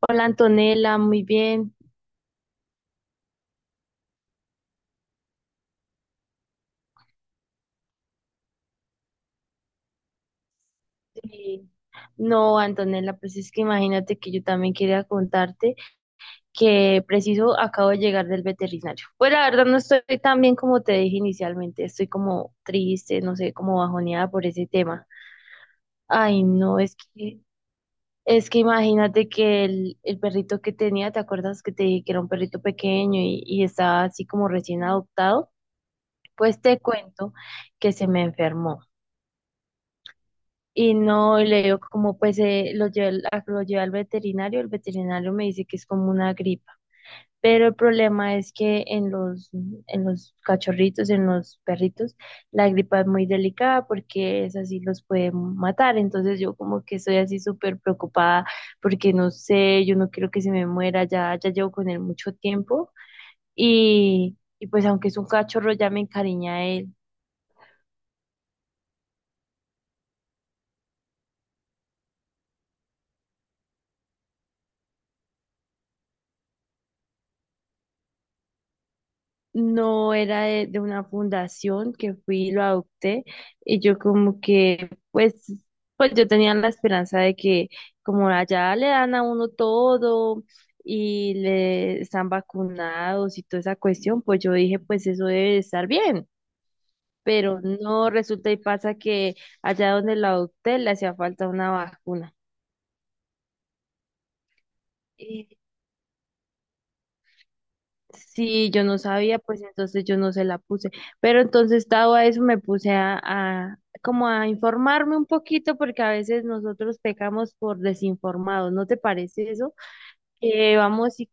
Hola Antonella, muy bien. Eh, no, Antonella, pues es que imagínate que yo también quería contarte que preciso acabo de llegar del veterinario. Pues la verdad no estoy tan bien como te dije inicialmente, estoy como triste, no sé, como bajoneada por ese tema. Ay, no, es que imagínate que el perrito que tenía, ¿te acuerdas que te dije que era un perrito pequeño y estaba así como recién adoptado? Pues te cuento que se me enfermó. Y no, y le digo como pues lo llevé, lo llevé al veterinario, el veterinario me dice que es como una gripa. Pero el problema es que en los cachorritos, en los perritos, la gripa es muy delicada porque es así los puede matar. Entonces yo como que estoy así súper preocupada porque no sé, yo no quiero que se me muera, ya llevo con él mucho tiempo. Y pues aunque es un cachorro, ya me encariña a él. No era de una fundación que fui y lo adopté y yo como que pues yo tenía la esperanza de que como allá le dan a uno todo y le están vacunados y toda esa cuestión, pues yo dije pues eso debe de estar bien. Pero no resulta y pasa que allá donde lo adopté le hacía falta una vacuna. Sí, yo no sabía, pues entonces yo no se la puse. Pero entonces, dado a eso, me puse como a informarme un poquito, porque a veces nosotros pecamos por desinformados, ¿no te parece eso? Que vamos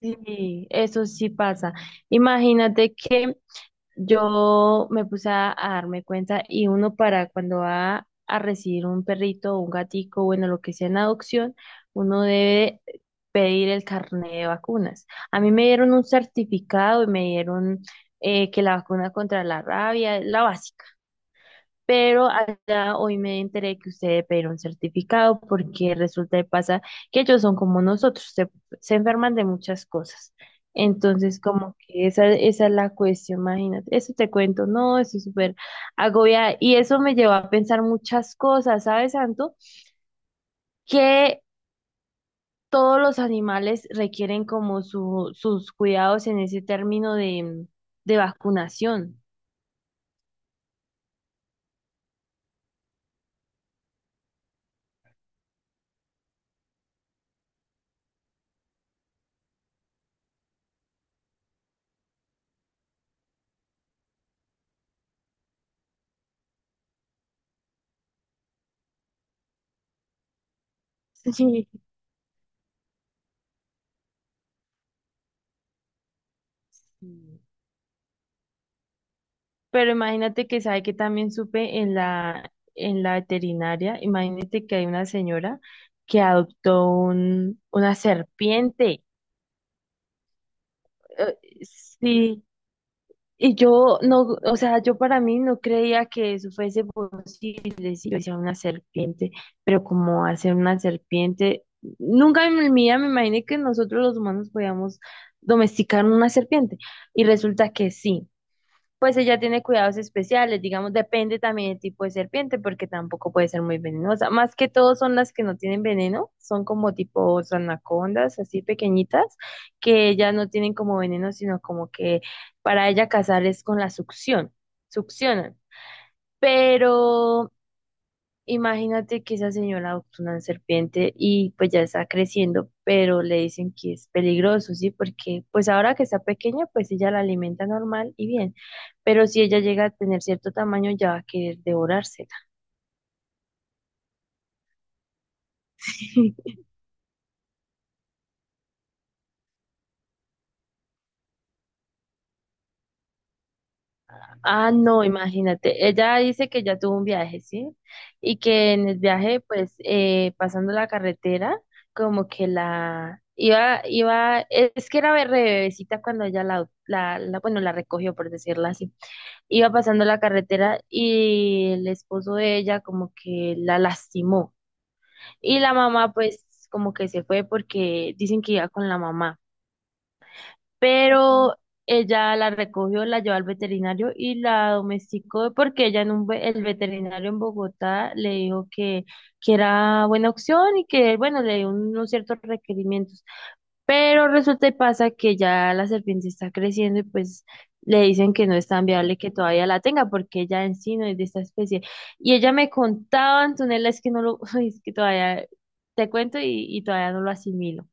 y eso sí pasa. Imagínate que yo me puse a darme cuenta y uno para cuando va a recibir un perrito o un gatico, bueno, lo que sea en adopción, uno debe pedir el carnet de vacunas. A mí me dieron un certificado y me dieron que la vacuna contra la rabia, la básica. Pero allá hoy me enteré que usted debe pedir un certificado porque resulta y pasa que ellos son como nosotros, se enferman de muchas cosas. Entonces, como que esa es la cuestión, imagínate, eso te cuento, no, eso es súper agobiada. Y eso me llevó a pensar muchas cosas, ¿sabes, Santo? Que todos los animales requieren como su, sus cuidados en ese término de vacunación. Sí. Pero imagínate que sabe que también supe en la, veterinaria, imagínate que hay una señora que adoptó un, una serpiente. Eh, Sí, y yo no, o sea, yo para mí no creía que eso fuese posible, si yo decía una serpiente, pero como hacer una serpiente, nunca en mi vida me imaginé que nosotros los humanos podíamos domesticar una serpiente, y resulta que sí. Pues ella tiene cuidados especiales, digamos, depende también del tipo de serpiente, porque tampoco puede ser muy venenosa. Más que todo son las que no tienen veneno, son como tipo anacondas, así pequeñitas, que ellas no tienen como veneno, sino como que para ella cazar es con la succión, succionan. Pero imagínate que esa señora adoptó una serpiente y pues ya está creciendo, pero le dicen que es peligroso, ¿sí? Porque pues ahora que está pequeña, pues ella la alimenta normal y bien, pero si ella llega a tener cierto tamaño, ya va a querer devorársela. Ah, no, imagínate, ella dice que ya tuvo un viaje, ¿sí? Y que en el viaje, pues pasando la carretera, como que iba, es que era re bebecita cuando ella la, bueno, la recogió, por decirlo así iba pasando la carretera y el esposo de ella como que la lastimó. Y la mamá pues como que se fue porque dicen que iba con la mamá, pero ella la recogió, la llevó al veterinario y la domesticó porque ella el veterinario en Bogotá le dijo que era buena opción y que bueno, le dio unos ciertos requerimientos. Pero resulta y pasa que ya la serpiente está creciendo y pues le dicen que no es tan viable que todavía la tenga porque ella en sí no es de esta especie. Y ella me contaba, Antonella, es que no lo, es que todavía te cuento y todavía no lo asimilo.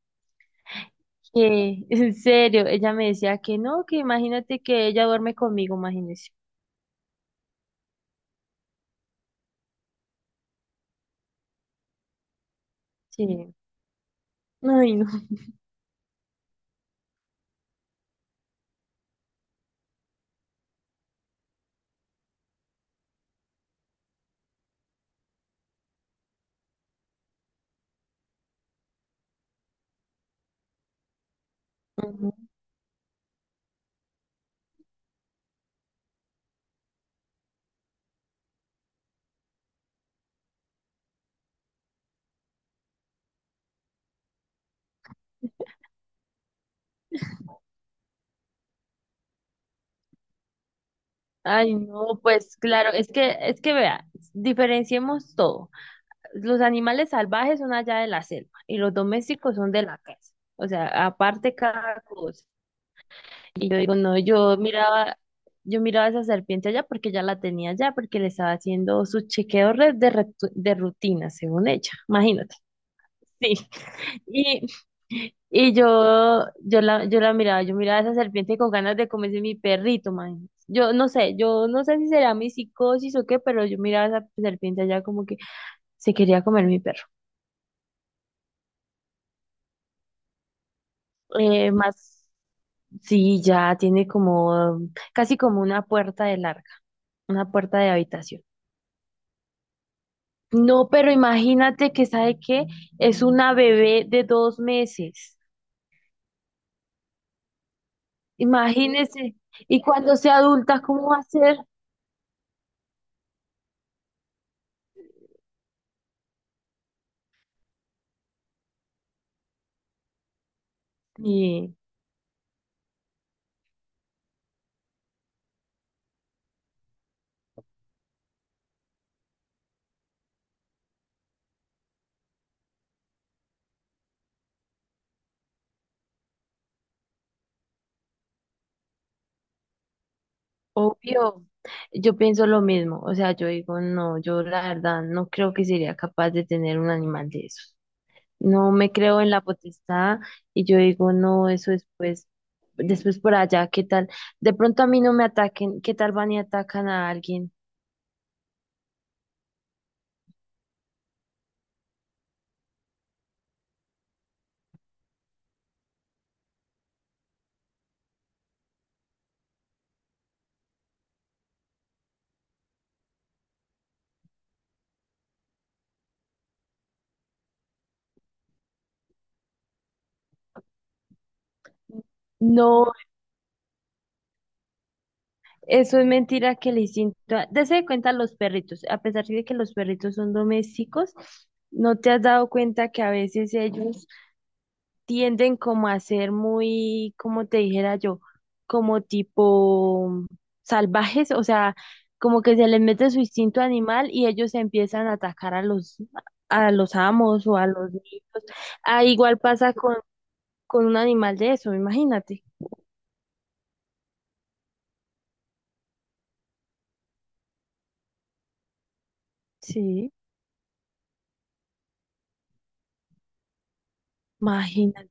Que, en serio, ella me decía que no, que imagínate que ella duerme conmigo, imagínese. Sí. Ay, no. Ujú. Ay, no, pues claro, es que vea, diferenciemos todo. Los animales salvajes son allá de la selva y los domésticos son de la casa. O sea, aparte cada cosa. Y yo digo, no, yo miraba esa serpiente allá porque ya la tenía allá, porque le estaba haciendo sus chequeos de rutina, según ella. Imagínate. Sí. Y, y yo miraba a esa serpiente con ganas de comerse mi perrito, man. Yo no sé si será mi psicosis o qué, pero yo miraba a esa serpiente allá como que se quería comer mi perro. Más, sí, ya tiene como casi como una puerta de larga, una puerta de habitación. No, pero imagínate que, ¿sabe qué? Es una bebé de 2 meses. Imagínese. Y cuando sea adulta, ¿cómo va a ser? Sí, obvio. Yo pienso lo mismo. O sea, yo digo, no, yo la verdad no creo que sería capaz de tener un animal de esos. No me creo en la potestad y yo digo, no, eso después, después por allá, ¿qué tal? De pronto a mí no me ataquen, ¿qué tal van y atacan a alguien? No, eso es mentira que el instinto, dese de cuenta los perritos, a pesar de que los perritos son domésticos, ¿no te has dado cuenta que a veces ellos tienden como a ser muy, como te dijera yo, como tipo salvajes, o sea, como que se les mete su instinto animal y ellos empiezan a atacar a los, amos o a los niños. Ah, igual pasa con un animal de eso, imagínate. Sí, imagínate.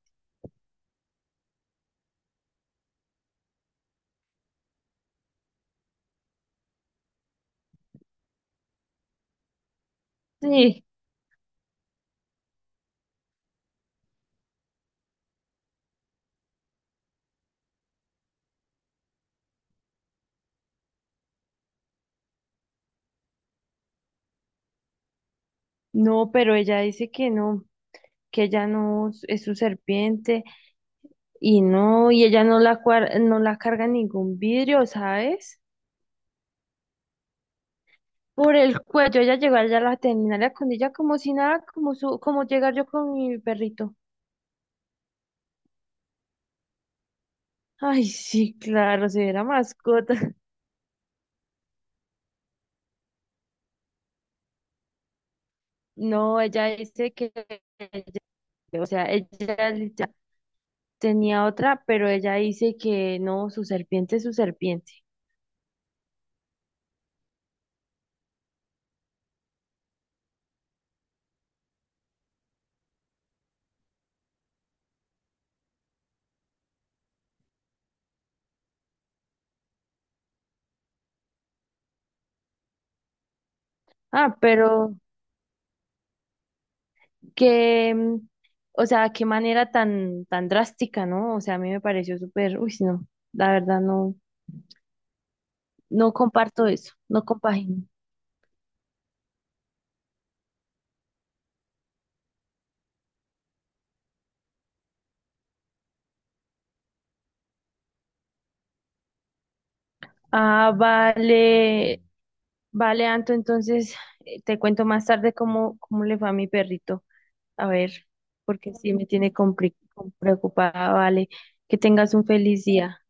Sí, no, pero ella dice que no, que ella no s- es su serpiente y no, y ella no la carga en ningún vidrio, ¿sabes? Por el cuello. Ella llegó allá a la terminal de Acondilla como si nada, como llegar yo con mi perrito. Ay, sí, claro, si era mascota. No, ella dice que, o sea, ella literal tenía otra, pero ella dice que no, su serpiente es su serpiente. Ah, pero que, o sea, qué manera tan, tan drástica, ¿no? O sea, a mí me pareció súper, uy, no, la verdad no, no comparto eso, no compagino. Ah, vale, vale, Anto, entonces te cuento más tarde cómo le fue a mi perrito. A ver, porque sí me tiene preocupada, vale. Que tengas un feliz día.